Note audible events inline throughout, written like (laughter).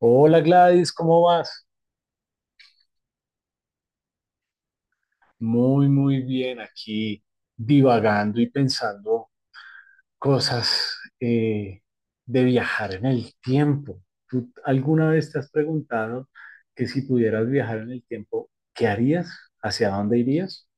Hola Gladys, ¿cómo vas? Muy, muy bien, aquí divagando y pensando cosas de viajar en el tiempo. ¿Tú alguna vez te has preguntado que si pudieras viajar en el tiempo, ¿qué harías? ¿Hacia dónde irías?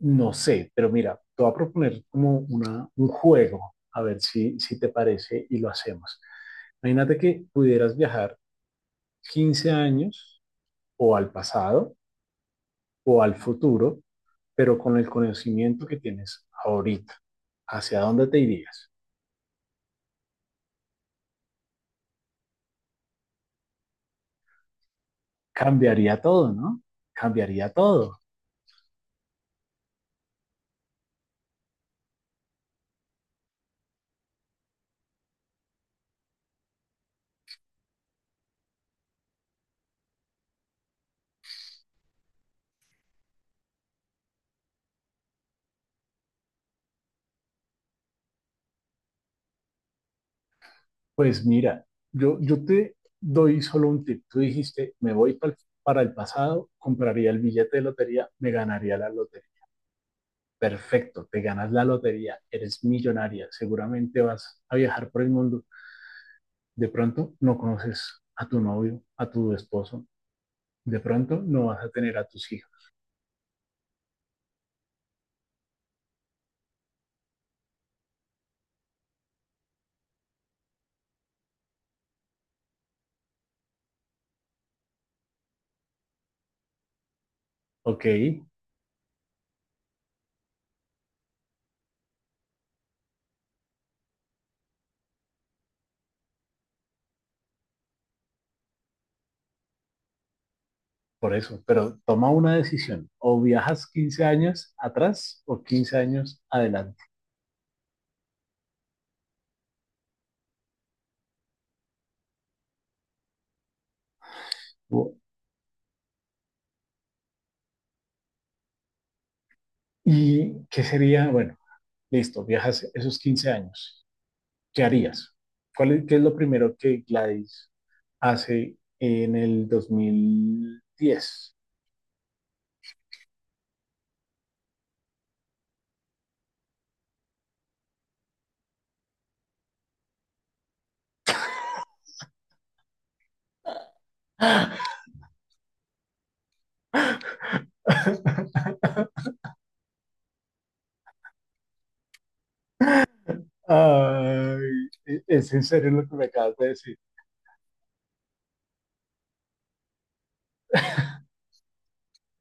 No sé, pero mira, te voy a proponer como un juego, a ver si te parece y lo hacemos. Imagínate que pudieras viajar 15 años o al pasado o al futuro pero con el conocimiento que tienes ahorita, ¿hacia dónde te irías? Cambiaría todo, ¿no? Cambiaría todo. Pues mira, yo te doy solo un tip. Tú dijiste, me voy para el pasado, compraría el billete de lotería, me ganaría la lotería. Perfecto, te ganas la lotería, eres millonaria, seguramente vas a viajar por el mundo. De pronto no conoces a tu novio, a tu esposo, de pronto no vas a tener a tus hijos. Ok, por eso, pero toma una decisión. O viajas 15 años atrás o 15 años adelante. ¿Y qué sería? Bueno, listo, viajas esos 15 años. ¿Qué harías? ¿Qué es lo primero que Gladys hace en el 2010? (gasps) Ay, es en serio lo que me acabas de decir.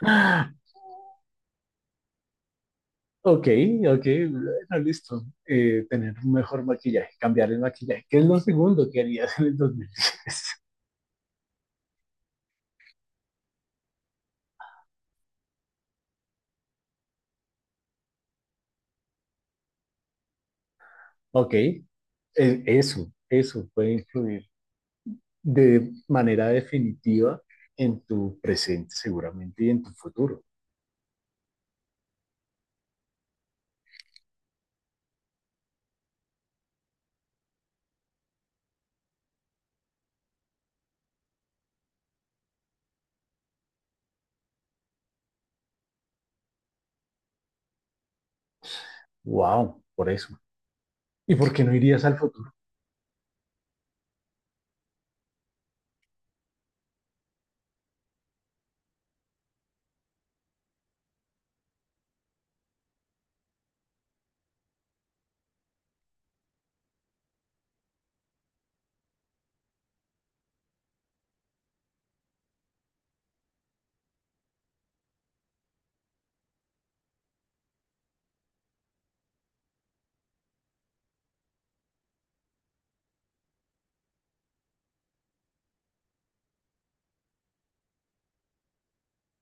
(gasps) Ok, ok, bueno, listo. Tener un mejor maquillaje, cambiar el maquillaje. ¿Qué es lo segundo que harías en el 2010? Ok, eso puede influir de manera definitiva en tu presente seguramente y en tu futuro. Wow, por eso. ¿Y por qué no irías al futuro?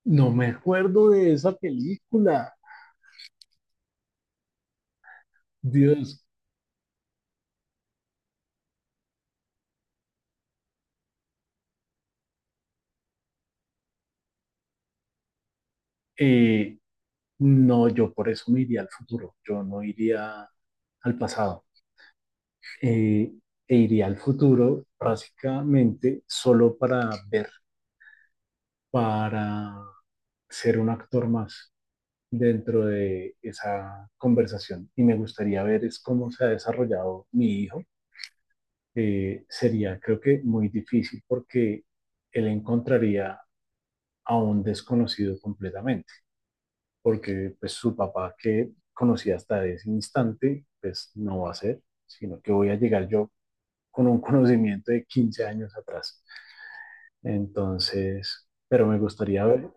No me acuerdo de esa película. Dios, eh, no, yo por eso me iría al futuro. Yo no iría al pasado. Eh, E iría al futuro básicamente solo para ser un actor más dentro de esa conversación y me gustaría ver es cómo se ha desarrollado mi hijo. Sería creo que muy difícil porque él encontraría a un desconocido completamente, porque pues su papá que conocía hasta ese instante, pues no va a ser, sino que voy a llegar yo con un (laughs) conocimiento de 15 años atrás. Entonces, pero me gustaría ver,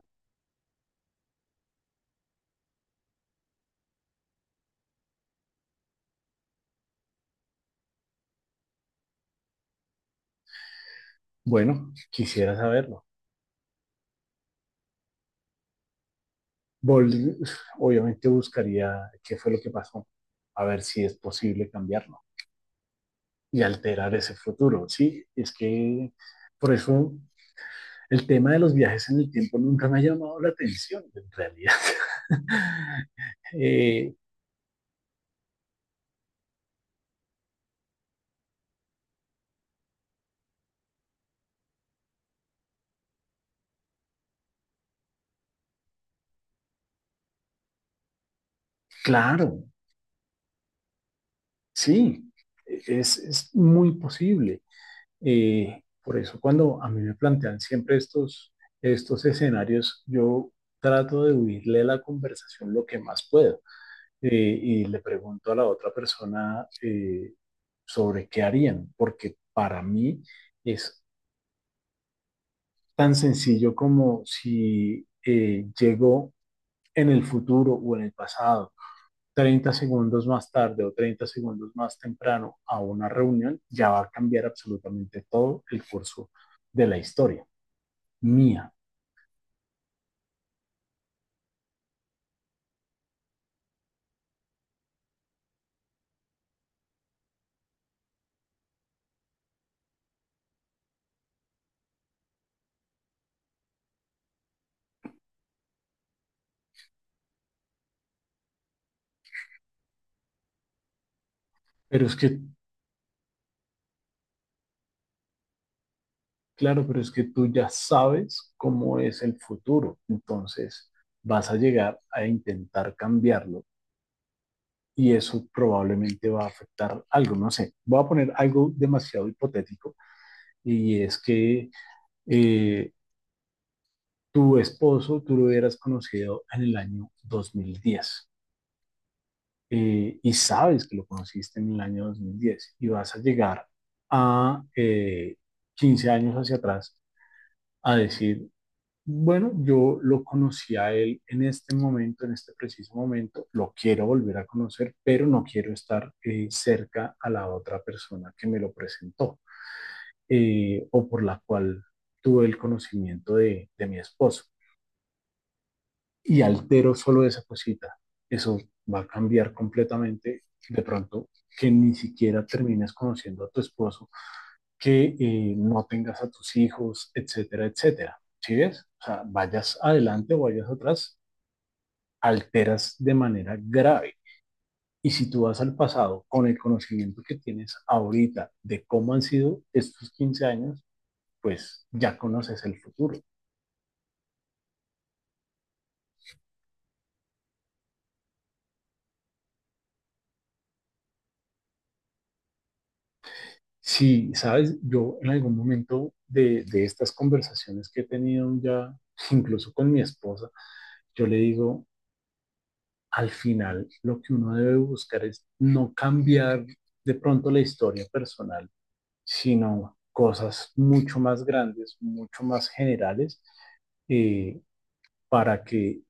bueno, quisiera saberlo. Vol- (sighs) obviamente buscaría qué fue lo que pasó, a ver si es posible cambiarlo y alterar ese futuro. Sí, es que por eso el tema de los viajes en el tiempo nunca me ha llamado la atención, en realidad. (laughs) Eh, claro, sí, es muy posible. Por eso cuando a mí me plantean siempre estos escenarios, yo trato de huirle a la conversación lo que más puedo. Y le pregunto a la otra persona sobre qué harían, porque para mí es tan sencillo como si llego en el futuro o en el pasado, 30 segundos más tarde o 30 segundos más temprano a una reunión, ya va a cambiar absolutamente todo el curso de la historia mía. Pero es que, claro, pero es que tú ya sabes cómo es el futuro, entonces vas a llegar a intentar cambiarlo y eso probablemente va a afectar algo, no sé. Voy a poner algo demasiado hipotético y es que eh, tu esposo tú lo hubieras conocido en el año 2010 y sabes que lo conociste en el año 2010 y vas a llegar a 15 años hacia atrás a decir, bueno, yo lo conocí a él en este momento, en este preciso momento, lo quiero volver a conocer, pero no quiero estar cerca a la otra persona que me lo presentó o por la cual tuve el conocimiento de mi esposo. Y altero solo esa cosita. Eso va a cambiar completamente de pronto que ni siquiera termines conociendo a tu esposo, que no tengas a tus hijos, etcétera, etcétera. ¿Sí ves? O sea, vayas adelante o vayas atrás, alteras de manera grave. Y si tú vas al pasado con el conocimiento que tienes ahorita de cómo han sido estos 15 años, pues ya conoces el futuro. Si, sabes, yo en algún momento de estas conversaciones que he tenido ya, incluso con mi esposa, yo le digo, al final lo que uno debe buscar es no cambiar de pronto la historia personal, sino cosas mucho más grandes, mucho más generales, eh, para que,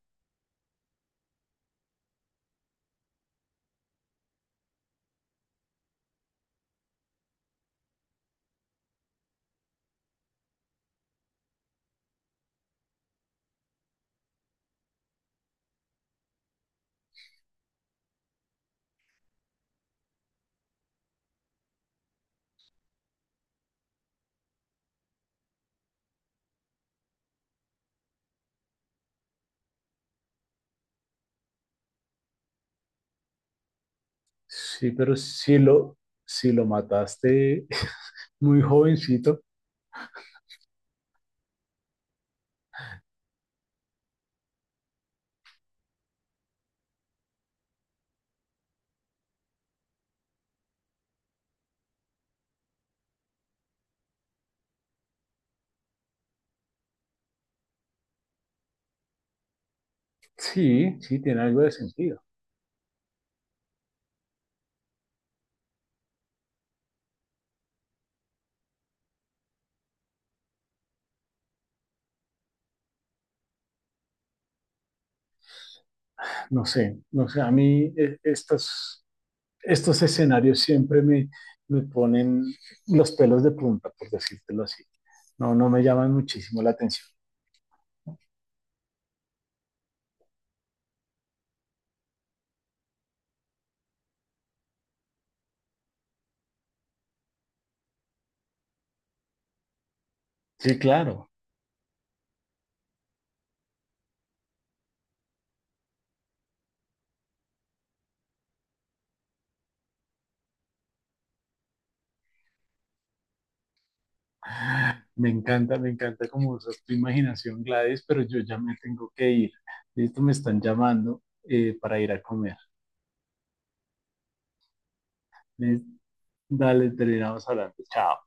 sí, pero si lo mataste (laughs) muy jovencito, sí, sí, tiene algo de sentido. No sé, no sé, a mí estos escenarios siempre me ponen los pelos de punta, por decírtelo así. No, no me llaman muchísimo la atención. Sí, claro. Me encanta cómo usas tu imaginación, Gladys, pero yo ya me tengo que ir. Listo, me están llamando para ir a comer. Listo, dale, terminamos hablando. Chao.